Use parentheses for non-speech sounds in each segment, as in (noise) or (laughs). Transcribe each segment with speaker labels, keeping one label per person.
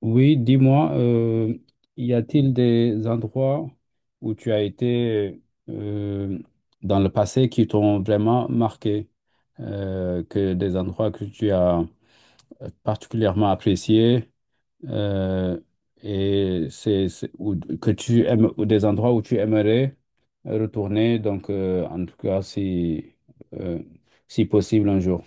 Speaker 1: Oui, dis-moi, y a-t-il des endroits où tu as été euh, dans le passé qui t'ont vraiment marqué, que des endroits que tu as particulièrement appréciés euh, et ou que tu aimes, ou des endroits où tu aimerais retourner, donc en tout cas euh, si possible un jour.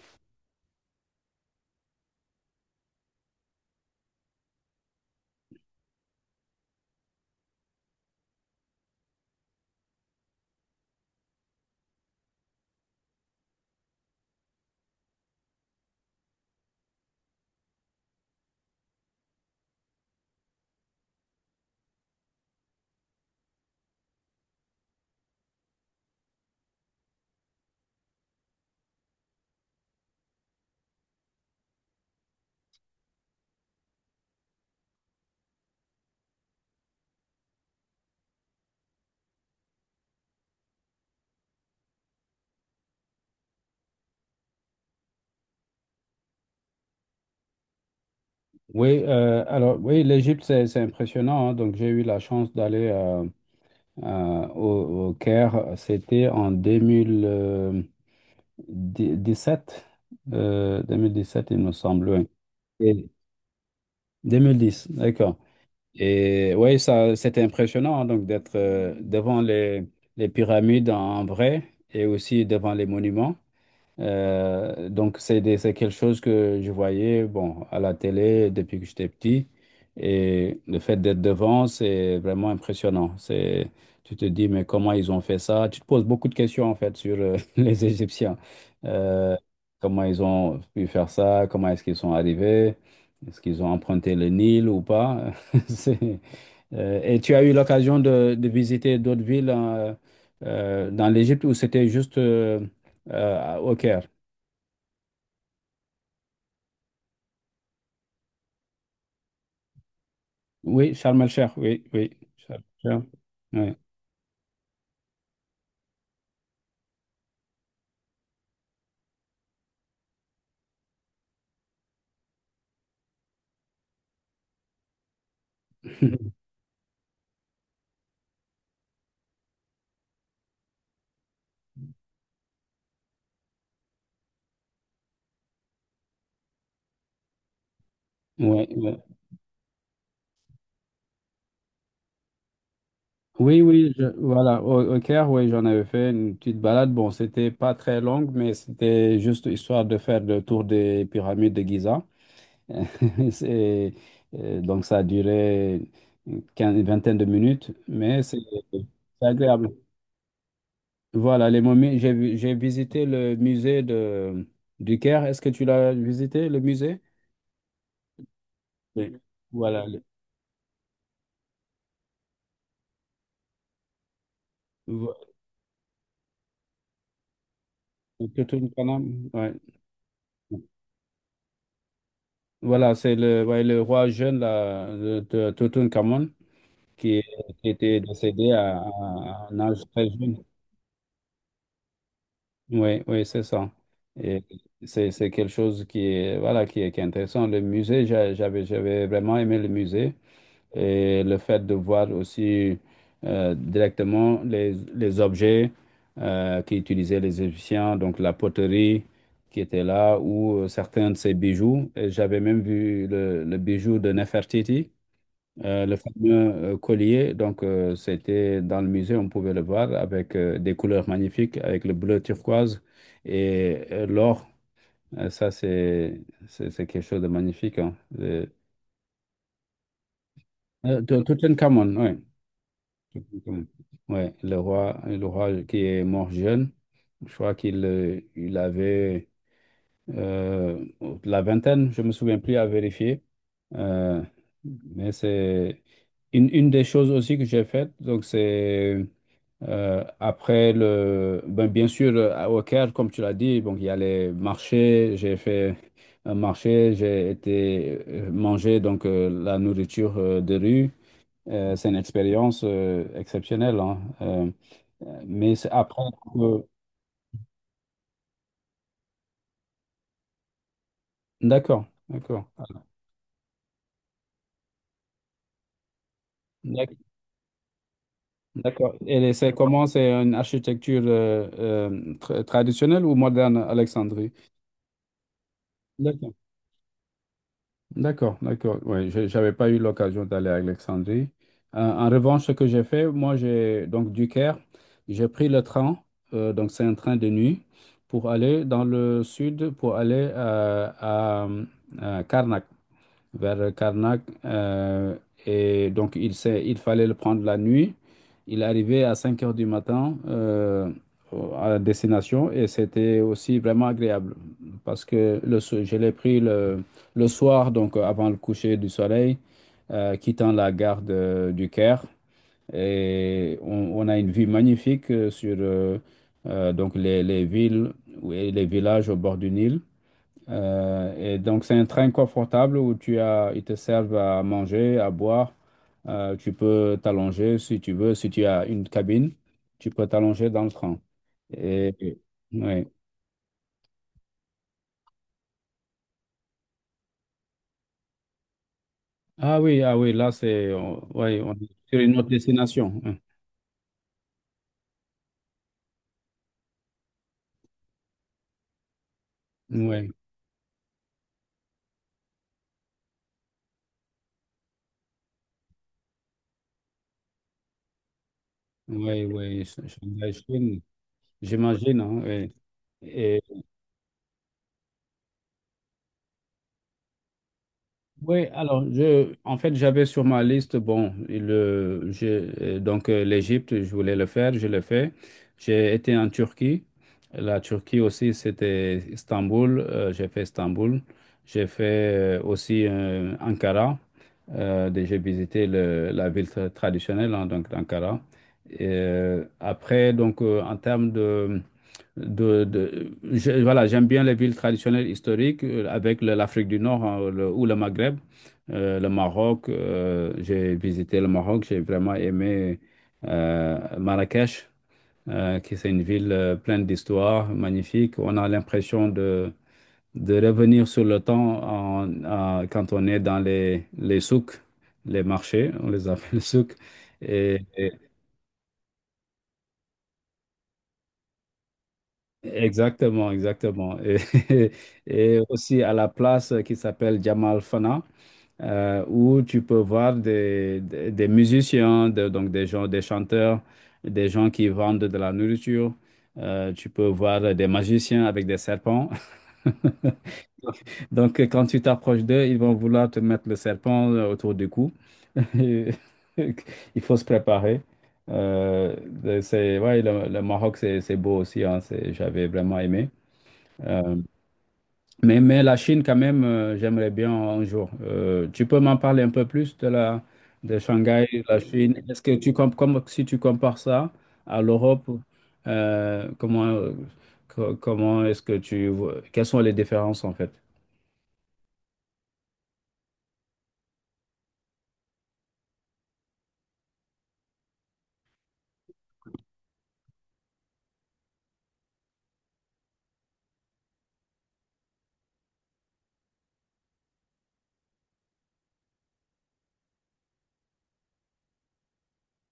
Speaker 1: Oui, alors oui, l'Égypte, c'est impressionnant, hein. Donc j'ai eu la chance d'aller au Caire. C'était en 2017, 2017, il me semble. Oui. Et- 2010, d'accord. Et oui, ça, c'était impressionnant, hein, donc d'être devant les pyramides en vrai et aussi devant les monuments. Donc, c'est quelque chose que je voyais, bon, à la télé depuis que j'étais petit. Et le fait d'être devant, c'est vraiment impressionnant. C'est, tu te dis, mais comment ils ont fait ça? Tu te poses beaucoup de questions, en fait, sur (laughs) les Égyptiens. Euh, Comment ils ont pu faire ça? Comment est-ce qu'ils sont arrivés? Est-ce qu'ils ont emprunté le Nil ou pas? (laughs) C'est- et tu as eu l'occasion de visiter d'autres villes dans l'Égypte où c'était juste... au Caire. Oui, Charles Malcher, oui, oui. Charles Melcher, ouais. (laughs) Ouais, ouais. Oui, oui, voilà, au Caire, oui, j'en avais fait une petite balade. Bon, c'était pas très longue, mais c'était juste histoire de faire le tour des pyramides de Gizeh. (laughs) C'est, donc, ça a duré une vingtaine de minutes, mais c'est agréable. Voilà, les momies, j'ai visité le musée de, du Caire. Est-ce que tu l'as visité, le musée? Oui. Voilà. le- Tutankhamon, ouais. Voilà, c'est le, ouais, le roi jeune là, de Tutankhamon qui, est- qui était décédé à un âge très jeune. Oui, oui, c'est ça. Et c'est quelque chose qui est, voilà, qui est intéressant. Le musée, j'avais, j'avais vraiment aimé le musée. Et le fait de voir aussi directement les objets qu'utilisaient les Égyptiens, donc la poterie qui était là ou certains de ces bijoux. Et j'avais même vu le bijou de Nefertiti, le fameux collier. Donc c'était dans le musée, on pouvait le voir avec des couleurs magnifiques, avec le bleu turquoise et l'or. Ça c'est quelque chose de magnifique, hein. Euh, Tutankhamon, oui. Exactement. Ouais, le roi qui est mort jeune, je crois qu'il il avait euh, la vingtaine, je me souviens plus à vérifier. Euh, mais c'est une des choses aussi que j'ai faites. Donc, c'est après le. Ben, bien sûr, au Caire, comme tu l'as dit, donc, il y a les marchés. J'ai fait un marché, j'ai été manger donc, la nourriture de rue. C'est une expérience exceptionnelle, hein. Mais c'est après. euh, d'accord, d'accord. D'ac- D'accord. Et c'est comment? C'est une architecture traditionnelle ou moderne, Alexandrie? D'accord, d'accord, d'accord. Oui, j'avais pas eu l'occasion d'aller à Alexandrie. En revanche, ce que j'ai fait, moi, j'ai donc du Caire, j'ai pris le train, donc c'est un train de nuit, pour aller dans le sud, pour aller à Karnak. Vers Karnak. Et donc, il fallait le prendre la nuit. Il arrivait à 5 heures du matin à destination et c'était aussi vraiment agréable parce que je l'ai pris le soir, donc avant le coucher du soleil, quittant la gare du Caire. Et on a une vue magnifique sur donc les villes et les villages au bord du Nil. Et donc, c'est un train confortable où ils te servent à manger, à boire. Tu peux t'allonger si tu veux. Si tu as une cabine, tu peux t'allonger dans le train. Et, et- ouais. Ah oui, ah oui, là, ouais, on est sur une autre destination. Oui, oui, oui. Shanghai, Chine, j'imagine, hein, ouais. Et oui, alors en fait, j'avais sur ma liste, bon, le, je, donc l'Égypte, je voulais le faire, je l'ai fait. J'ai été en Turquie. La Turquie aussi, c'était Istanbul. J'ai fait Istanbul. J'ai fait aussi Ankara. J'ai visité la ville traditionnelle, hein, donc d'Ankara. Après, donc en termes de voilà, j'aime bien les villes traditionnelles historiques avec l'Afrique du Nord, hein, ou le Maghreb, le Maroc. J'ai visité le Maroc, j'ai vraiment aimé Marrakech, qui c'est une ville pleine d'histoire, magnifique. On a l'impression de revenir sur le temps quand on est dans les souks, les marchés, on les appelle (laughs) souks. Exactement, exactement. (laughs) Et- aussi à la place qui s'appelle Jamal Fana, où tu peux voir des musiciens, donc des gens, des chanteurs, des gens qui vendent de la nourriture. Tu peux voir des magiciens avec des serpents. (laughs) Donc quand tu t'approches d'eux, ils vont vouloir te mettre le serpent autour du cou. Et (laughs) il faut se préparer. Euh, c'est, ouais, le Maroc, c'est beau aussi, hein, j'avais vraiment aimé. Euh, mais la Chine, quand même, j'aimerais bien un jour. Tu peux m'en parler un peu plus de la de Shanghai, de la Chine. Est-ce que comme si tu compares ça à l'Europe, euh, comment euh, comment est-ce que tu vois, quelles sont les différences en fait?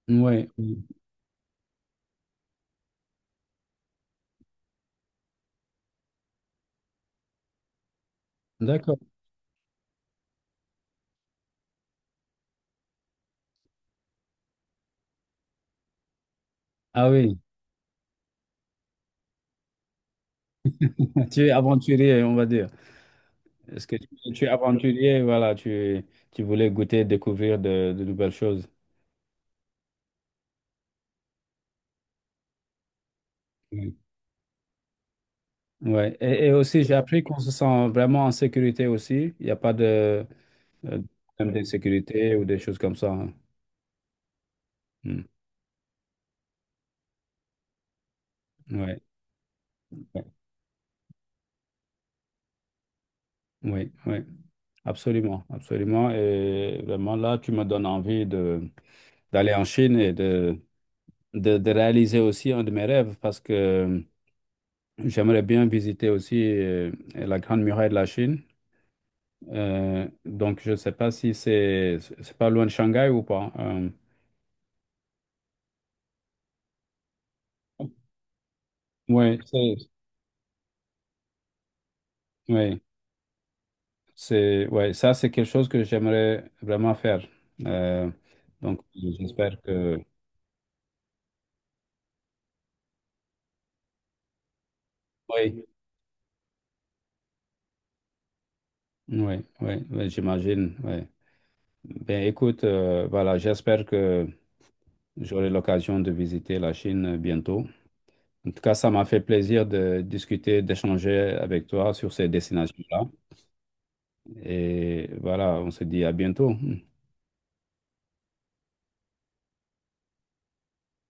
Speaker 1: Oui, d'accord. Ah oui, (laughs) tu es aventurier, on va dire. Est-ce que tu es aventurier, voilà, tu voulais goûter, découvrir de nouvelles choses. Oui. Ouais. Et aussi, j'ai appris qu'on se sent vraiment en sécurité aussi. Il n'y a pas de, euh, problèmes de ou des choses comme ça, hein. Hmm. Ouais, ouais, oui, oui, absolument, absolument. Et vraiment, là, tu me donnes envie de d'aller en Chine et de réaliser aussi un de mes rêves parce que j'aimerais bien visiter aussi la Grande Muraille de la Chine. Donc, je ne sais pas si c'est pas loin de Shanghai ou pas, hein. Euh, oui, c'est, ouais. C'est, ouais, ça, c'est quelque chose que j'aimerais vraiment faire. Euh, donc, j'espère que... Oui, oui, oui, oui, j'imagine. Oui. Ben, écoute, voilà, j'espère que j'aurai l'occasion de visiter la Chine bientôt. En tout cas, ça m'a fait plaisir de discuter, d'échanger avec toi sur ces destinations-là. Et voilà, on se dit à bientôt.